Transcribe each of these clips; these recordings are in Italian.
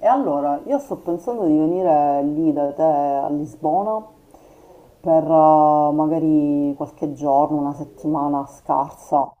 E allora, io sto pensando di venire lì da te a Lisbona per magari qualche giorno, una settimana scarsa.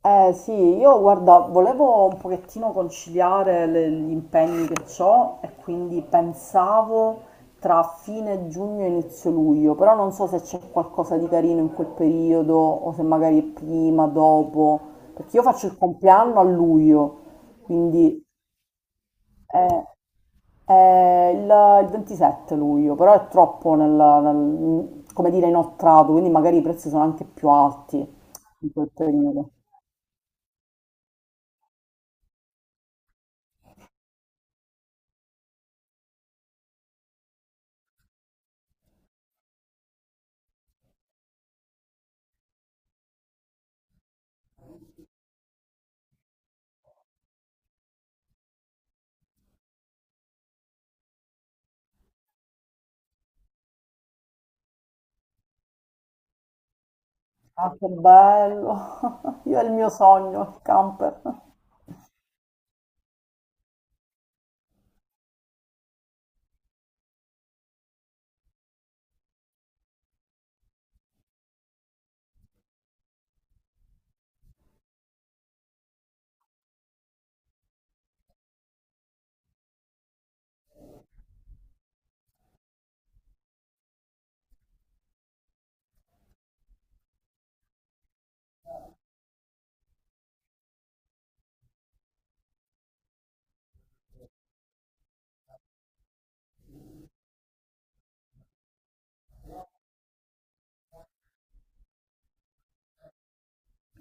Eh sì, io guarda, volevo un pochettino conciliare gli impegni che ho e quindi pensavo tra fine giugno e inizio luglio, però non so se c'è qualcosa di carino in quel periodo o se magari è prima, dopo, perché io faccio il compleanno a luglio, quindi... eh, È il, il 27 luglio, però è troppo nel come dire, inoltrato, quindi magari i prezzi sono anche più alti in quel periodo. Ah, che bello! Io è il mio sogno, il camper.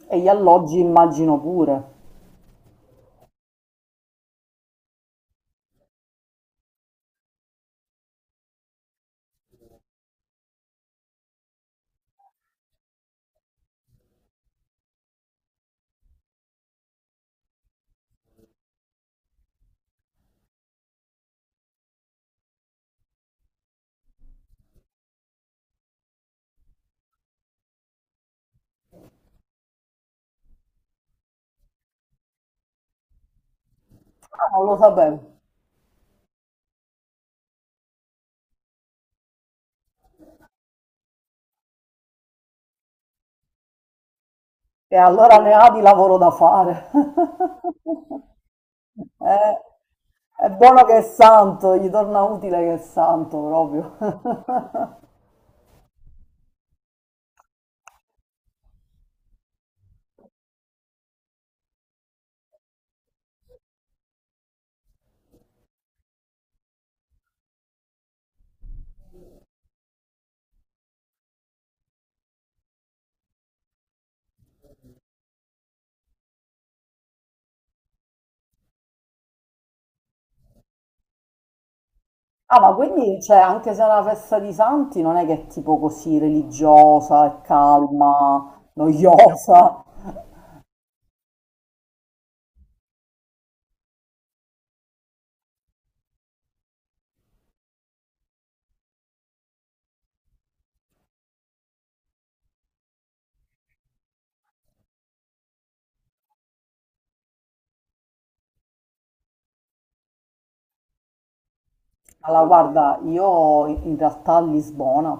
E gli alloggi immagino pure. Ah, non lo sapevo. E allora ne ha di lavoro da fare. Eh, è buono che è santo, gli torna utile che è santo proprio. Ah, ma quindi, cioè, anche se è una festa di santi, non è che è tipo così religiosa, calma, no, noiosa. Allora, guarda, io in realtà a Lisbona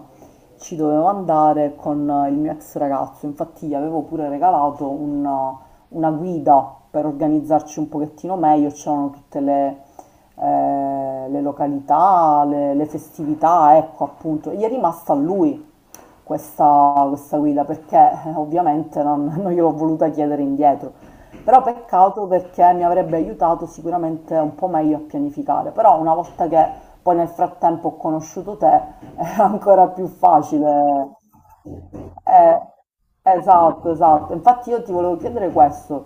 ci dovevo andare con il mio ex ragazzo, infatti gli avevo pure regalato una guida per organizzarci un pochettino meglio, c'erano tutte le località, le festività, ecco appunto, e gli è rimasta a lui questa guida perché ovviamente non gliel'ho voluta chiedere indietro. Però peccato perché mi avrebbe aiutato sicuramente un po' meglio a pianificare, però una volta che poi nel frattempo ho conosciuto te è ancora più facile. Eh, esatto, esatto. Infatti io ti volevo chiedere questo.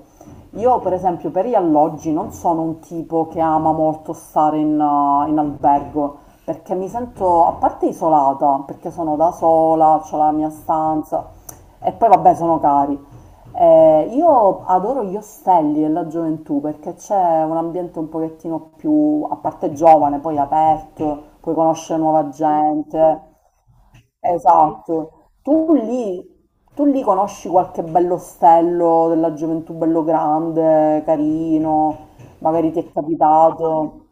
Io per esempio per gli alloggi non sono un tipo che ama molto stare in albergo perché mi sento a parte isolata, perché sono da sola, ho la mia stanza e poi vabbè sono cari. Io adoro gli ostelli e la gioventù perché c'è un ambiente un pochettino più, a parte giovane, poi aperto, puoi conoscere nuova gente. Esatto. Tu lì conosci qualche bello ostello della gioventù bello grande, carino, magari ti è capitato.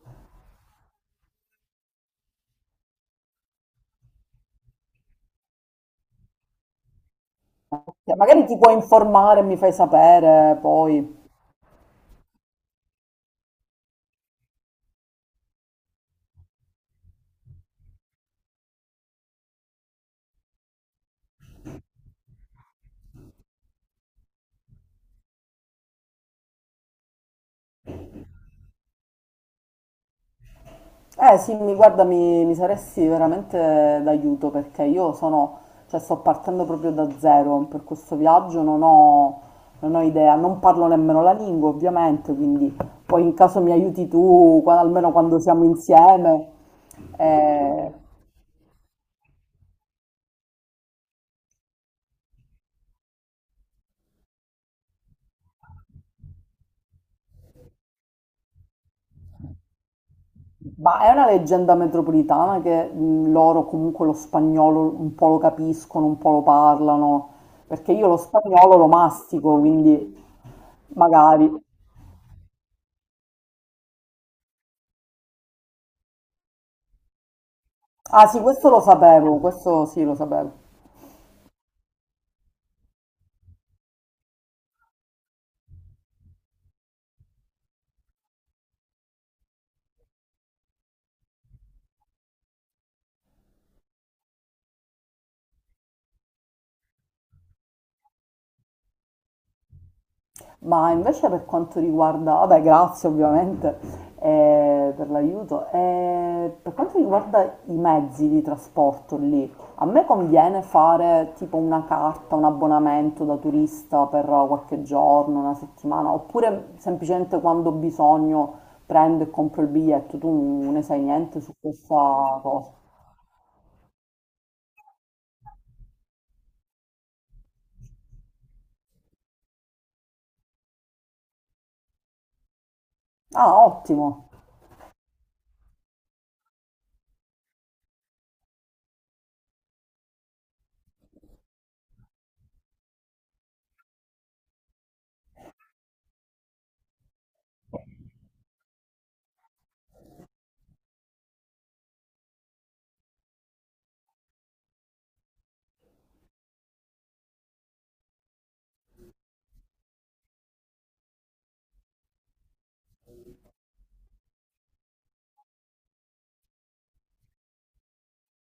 Ok, magari ti puoi informare e mi fai sapere poi. Eh sì, mi guarda, mi saresti veramente d'aiuto perché io sono, cioè sto partendo proprio da zero per questo viaggio, non ho idea, non parlo nemmeno la lingua ovviamente, quindi poi in caso mi aiuti tu, almeno quando siamo insieme. Eh, ma è una leggenda metropolitana che loro comunque lo spagnolo un po' lo capiscono, un po' lo parlano, perché io lo spagnolo lo mastico, quindi magari. Ah sì, questo lo sapevo, questo sì lo sapevo. Ma invece per quanto riguarda, vabbè, grazie ovviamente per l'aiuto. Per quanto riguarda i mezzi di trasporto lì, a me conviene fare tipo una carta, un abbonamento da turista per qualche giorno, una settimana, oppure semplicemente quando ho bisogno prendo e compro il biglietto, tu ne sai niente su questa cosa? Ah, ottimo.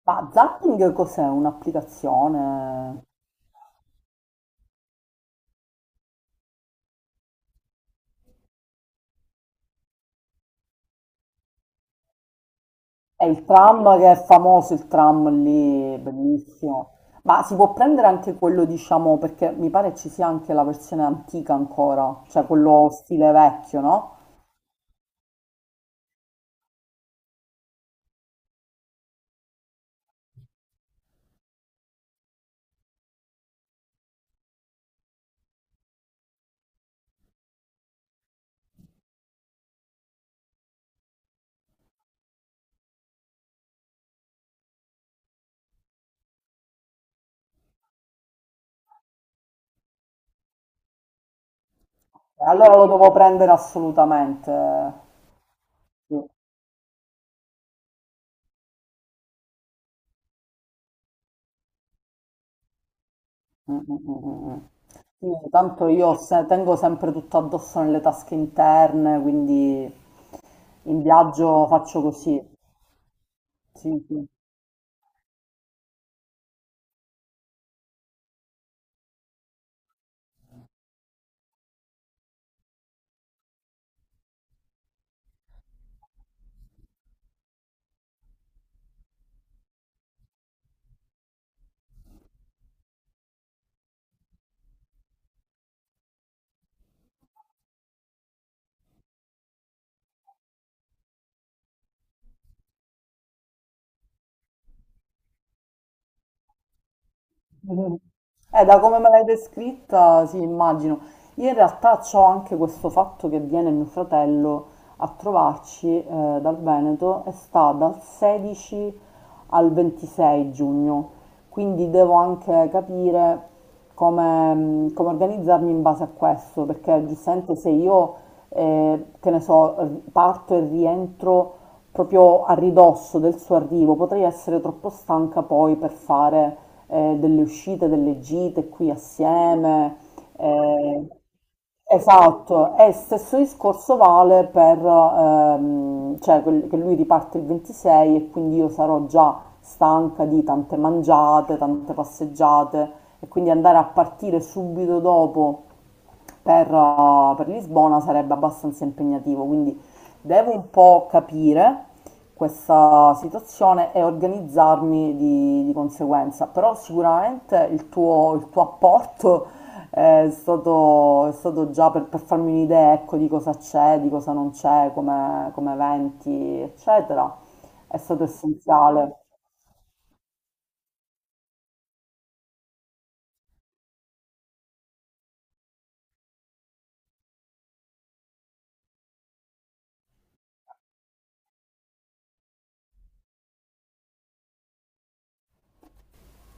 Ma Zapping cos'è? Un'applicazione? È il tram che è famoso, il tram lì, bellissimo. Ma si può prendere anche quello, diciamo, perché mi pare ci sia anche la versione antica ancora, cioè quello stile vecchio, no? E allora lo devo prendere assolutamente. Sì, mm, mm, mm, mm, mm. Sì, tanto io tengo sempre tutto addosso nelle tasche interne, quindi in viaggio faccio così. Sì, sì. Mhm. Da come me l'hai descritta, sì, immagino. Io in realtà ho anche questo fatto che viene mio fratello a trovarci dal Veneto e sta dal 16 al 26 giugno, quindi devo anche capire come, come organizzarmi in base a questo, perché giustamente se io, che ne so, parto e rientro proprio a ridosso del suo arrivo, potrei essere troppo stanca poi per fare delle uscite, delle gite qui assieme. eh, esatto, e stesso discorso vale per, cioè, che lui riparte il 26 e quindi io sarò già stanca di tante mangiate, tante passeggiate e quindi andare a partire subito dopo per Lisbona sarebbe abbastanza impegnativo, quindi devo un po' capire questa situazione e organizzarmi di conseguenza, però sicuramente il tuo apporto è stato già per farmi un'idea, ecco, di cosa c'è, di cosa non c'è, come eventi, eccetera, è stato essenziale.